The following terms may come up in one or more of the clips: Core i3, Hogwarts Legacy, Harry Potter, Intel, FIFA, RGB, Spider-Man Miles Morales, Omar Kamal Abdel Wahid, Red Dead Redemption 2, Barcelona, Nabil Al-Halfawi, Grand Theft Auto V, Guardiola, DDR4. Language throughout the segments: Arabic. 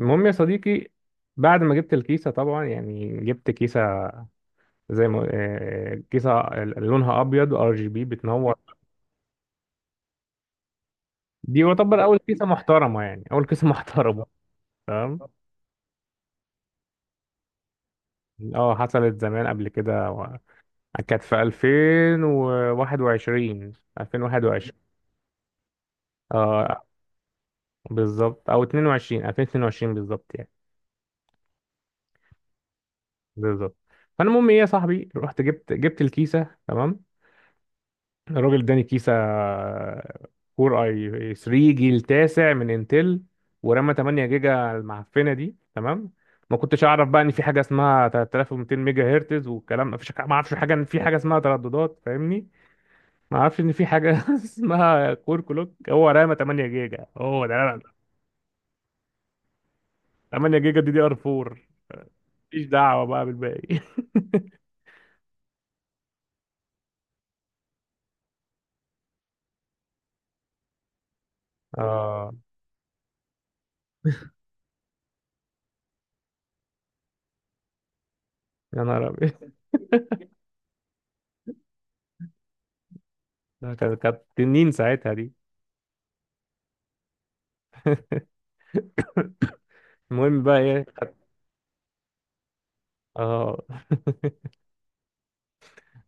المهم يا صديقي، بعد ما جبت الكيسة طبعا يعني جبت كيسة زي ما كيسة لونها أبيض ار جي بي بتنور. دي يعتبر أول كيسة محترمة، يعني أول كيسة محترمة. تمام. اه، حصلت زمان قبل كده كانت في 2021 اه، بالظبط، او 22 2022 بالظبط يعني. بالظبط. فالمهم ايه، يا صاحبي، رحت جبت الكيسة. تمام. الراجل اداني كيسة كور اي 3 جيل تاسع من انتل ورامة 8 جيجا على المعفنة دي. تمام. ما كنتش اعرف بقى ان في حاجة اسمها 3200 ميجا هرتز والكلام، ما فيش، ما اعرفش حاجة ان في حاجة اسمها ترددات، فاهمني؟ ما اعرفش ان في حاجة اسمها كور كلوك، هو رامة 8 جيجا، هو ده رامة 8 جيجا دي دي ار 4، مفيش دعوة بقى بالباقي. اه، يا نهار ابيض. ده كانت تنين ساعتها دي. المهم بقى ايه، اه.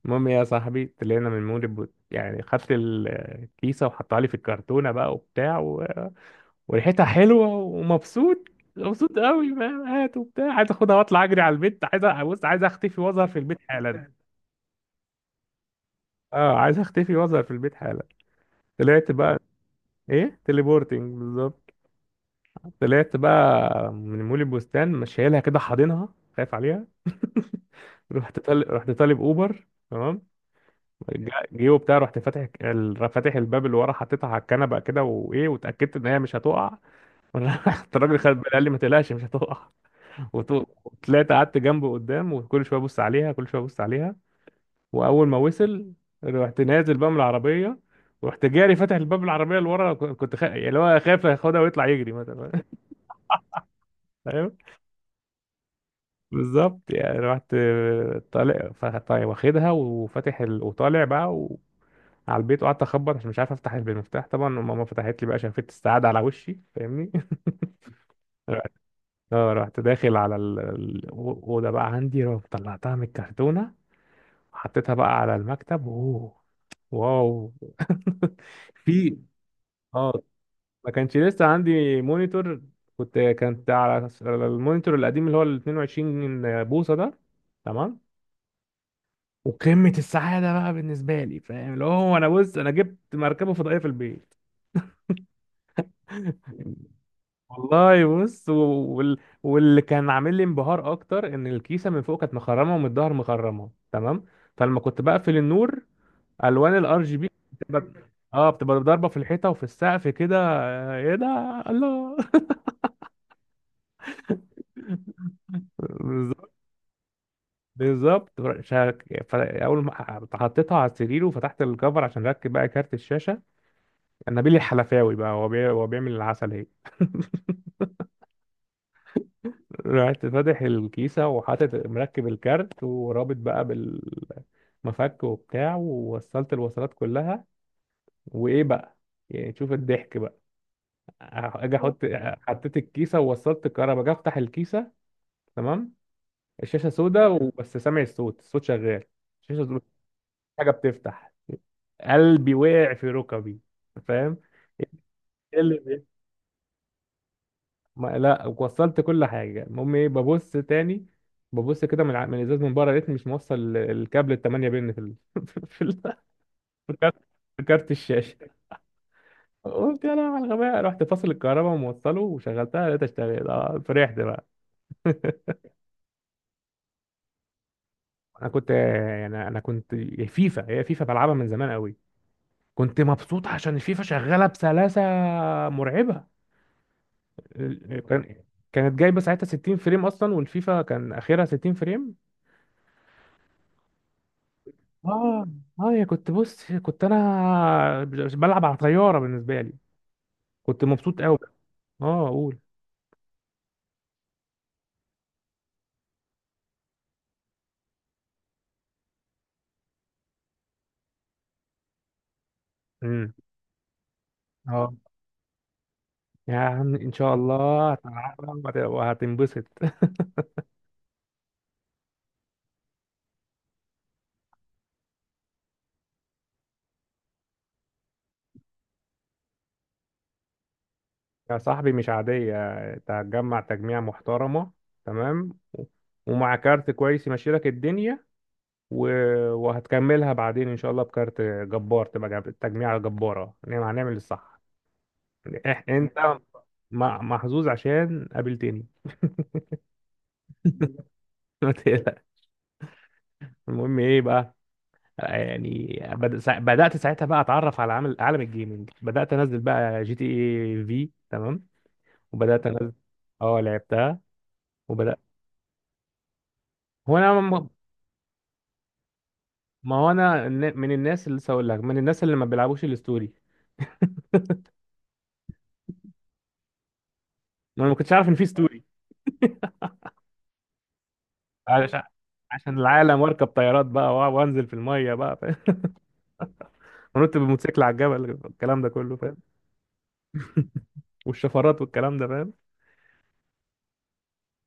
المهم يا صاحبي، طلعنا من مول البوت، يعني خدت الكيسه وحطها لي في الكرتونه بقى وبتاع وريحتها حلوه ومبسوط، مبسوط قوي، فاهم؟ هات وبتاع، عايز اخدها واطلع اجري على البيت، عايز بص، عايز اختفي واظهر في البيت حالا. اه، عايز اختفي واظهر في البيت حالا. طلعت بقى. ايه؟ تليبورتنج، بالظبط. طلعت بقى من مول البستان، مش شايلها كده، حاضنها، خايف عليها. رحت طالب اوبر. تمام. جيبه بتاعي، رحت فاتح فاتح الباب اللي ورا، حطيتها على الكنبه كده وايه، واتاكدت ان هي مش هتقع. رحت الراجل خد بالي، قال لي ما تقلقش مش هتقع. وط- وطلعت قعدت جنبه قدام، وكل شويه ابص عليها، كل شويه ابص عليها. واول ما وصل رحت نازل بقى من العربيه، ورحت جاري فاتح الباب العربيه اللي ورا، كنت يعني اللي هو خايف ياخدها ويطلع يجري مثلا. فاهم؟ بالظبط يعني. رحت طالع، فطيب، واخدها وفاتح وطالع بقى على البيت، وقعدت اخبط عشان مش عارف افتح بالمفتاح. طبعا ماما فتحت لي بقى، شافت السعاده على وشي، فاهمني؟ رحت- اه، رحت داخل على الاوضه بقى عندي، رحت طلعتها من الكرتونه وحطيتها بقى على المكتب. اوه، واو. في، اه، ما كانش لسه عندي مونيتور. كانت على المونيتور القديم اللي هو ال 22 بوصه ده. تمام. وقمه السعاده بقى بالنسبه لي، فاهم؟ اللي هو انا، بص انا جبت مركبه فضائيه في البيت. والله بص، واللي كان عامل لي انبهار اكتر، ان الكيسه من فوق كانت مخرمه ومن الظهر مخرمه. تمام. فلما كنت بقفل النور، الوان الار جي بي بتبقى ضاربه في الحيطه وفي السقف كده. ايه ده، الله. بالظبط. بالظبط. اول ما حطيتها على السرير وفتحت الكفر عشان اركب بقى كارت الشاشه، نبيل الحلفاوي بقى هو هو بيعمل العسل اهي. رحت فاتح الكيسة وحاطط مركب الكارت ورابط بقى بالمفك وبتاع، ووصلت الوصلات كلها. وإيه بقى؟ يعني شوف الضحك بقى. أجي أحط، حطيت الكيسة ووصلت الكهرباء، أجي أفتح الكيسة. تمام. الشاشة سودة وبس، سامع الصوت، الصوت شغال. الشاشة سودة، حاجة بتفتح، قلبي وقع في ركبي، فاهم؟ إيه اللي، ما لا وصلت كل حاجه. المهم ايه، ببص تاني، ببص كده من من الازاز، من بره، لقيتني مش موصل الكابل ال 8 بن في في ال... في كارت في كارت الشاشه. قلت يا لهوي على الغباء، رحت فاصل الكهرباء وموصله وشغلتها، لقيتها اشتغلت. فرحت بقى. انا كنت فيفا، هي فيفا بلعبها من زمان قوي، كنت مبسوط عشان الفيفا شغاله بسلاسه مرعبه. ال- كان كانت جايبه ساعتها 60 فريم اصلا، والفيفا كان اخرها 60 فريم. اه، اه، يا بص، كنت انا بلعب على طياره بالنسبه لي. كنت مبسوط قوي. اه، قول. امم اه، يا عم، ان شاء الله هتتعلم وهتنبسط. يا صاحبي مش عاديه، تجميع محترمه. تمام، ومع كارت كويس يمشي لك الدنيا، و... وهتكملها بعدين ان شاء الله بكارت جبار، تبقى تجميعه جباره. نعم، هنعمل الصح. انت محظوظ عشان قابلتني. ما تقلق. المهم ايه بقى، يعني بدأت ساعتها بقى اتعرف على عالم الجيمنج، بدأت انزل بقى جي تي اي في. تمام. وبدأت انزل. اه، لعبتها. وبدأت، هو انا ما هو انا من الناس اللي لسه هقول لك، من الناس اللي ما بيلعبوش الستوري. انا ما كنتش عارف ان في ستوري. علشان عشان العالم، واركب طيارات بقى وانزل في الميه بقى، فاهم؟ ونط بالموتوسيكل على الجبل، الكلام ده كله فاهم. والشفرات والكلام ده، فاهم؟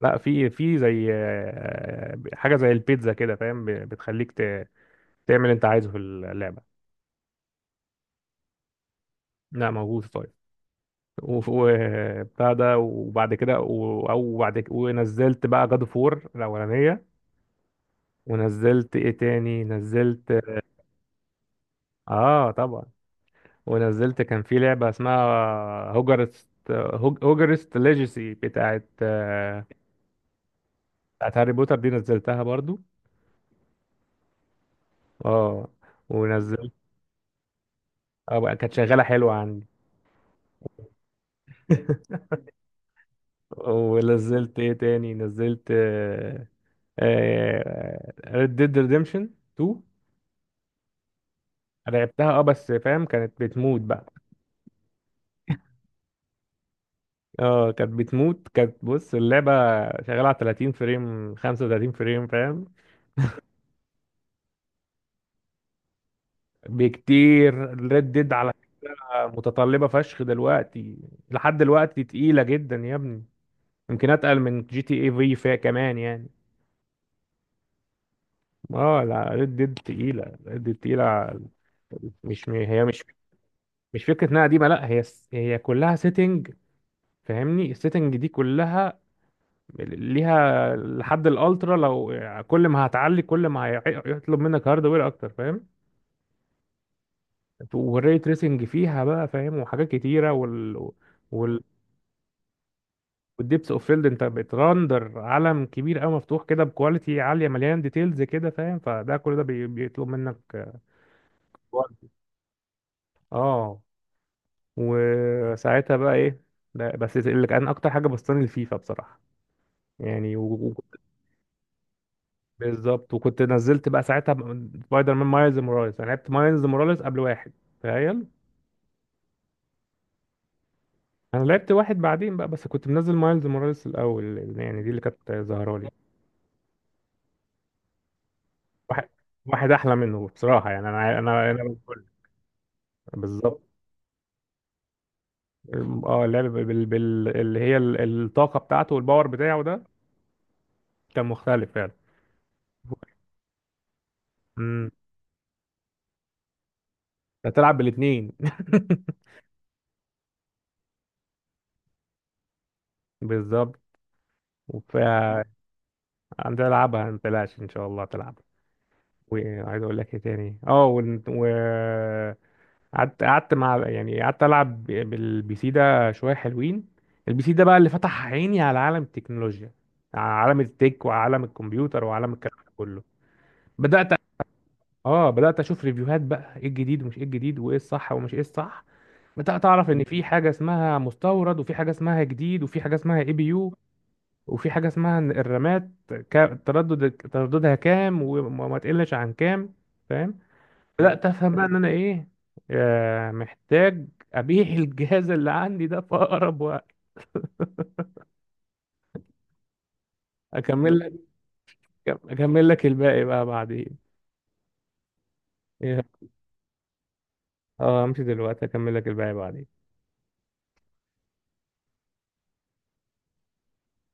لا، في زي حاجه زي البيتزا كده، فاهم؟ بتخليك تعمل انت عايزه في اللعبه. لا، موجود. طيب، وبتاع ده، وبعد كده، او بعد كده ونزلت بقى جاد فور الاولانيه. ونزلت ايه تاني؟ نزلت، اه طبعا. ونزلت، كان في لعبه اسمها هوجرست، هوجرست ليجاسي بتاعت بتاعت هاري بوتر، دي نزلتها برضو. اه، ونزلت. اه بقى، كانت شغاله حلوه عندي. ونزلت ايه تاني؟ نزلت ريد ديد ريديمشن 2، لعبتها. اه بس فاهم، كانت بتموت بقى. اه، كانت بتموت، كانت، بص، اللعبة شغالة على 30 فريم 35 فريم، فاهم؟ بكتير. ريد ديد على، متطلبة فشخ دلوقتي، لحد دلوقتي تقيلة جدا يا ابني، يمكن اتقل من جي تي اي في فيها كمان يعني. اه، لا، ريد ديد تقيلة، ريد ديد تقيلة. مش هي مش فكرة انها قديمة، لا هي هي كلها سيتنج، فاهمني؟ السيتنج دي كلها ليها لحد الالترا. لو كل ما هتعلي، كل ما هيطلب منك هاردوير اكتر، فاهم؟ والري تريسنج فيها بقى، فاهم؟ وحاجات كتيره، وال والديبس اوف فيلد. انت بتراندر عالم كبير قوي مفتوح كده بكواليتي عاليه، مليان ديتيلز كده، فاهم؟ فده، كل ده بيطلب منك وقت. اه، وساعتها بقى ايه، ده بس اللي كان اكتر حاجه بسطاني، الفيفا بصراحه يعني. بالظبط. وكنت نزلت بقى ساعتها سبايدر مان مايلز موراليس. انا لعبت مايلز موراليس قبل واحد، تخيل. انا لعبت واحد بعدين بقى، بس كنت منزل مايلز موراليس الاول، يعني دي اللي كانت ظاهره لي. واحد، واحد احلى منه بصراحه يعني. انا انا بالكل. بالظبط. اه، اللعب اللي هي الطاقه بتاعته والباور بتاعه ده، كان مختلف فعلا. امم هتلعب بالاثنين. بالظبط. وف عندي. العبها، ما تقلقش ان شاء الله تلعب. وعايز اقول لك ايه تاني، اه، ون- و قعدت مع، يعني قعدت العب بالبي سي ده شويه حلوين. البي سي ده بقى اللي فتح عيني على عالم التكنولوجيا، على عالم التك، وعالم الكمبيوتر، وعالم الكلام ده كله. بدات اه بدات اشوف ريفيوهات بقى، ايه الجديد ومش ايه الجديد، وايه الصح ومش ايه الصح. بدات اعرف ان في حاجه اسمها مستورد، وفي حاجه اسمها جديد، وفي حاجه اسمها اي بي يو، وفي حاجه اسمها إن الرامات، ترددها كام، وما ما تقلش عن كام، فاهم؟ بدأت أفهم بقى إن أنا إيه، محتاج أبيع الجهاز اللي عندي ده في أقرب وقت. أكمل لك أكمل لك الباقي بقى بعدين. إيه، أه، أمشي دلوقتي، أكمل لك الباقي بعدين.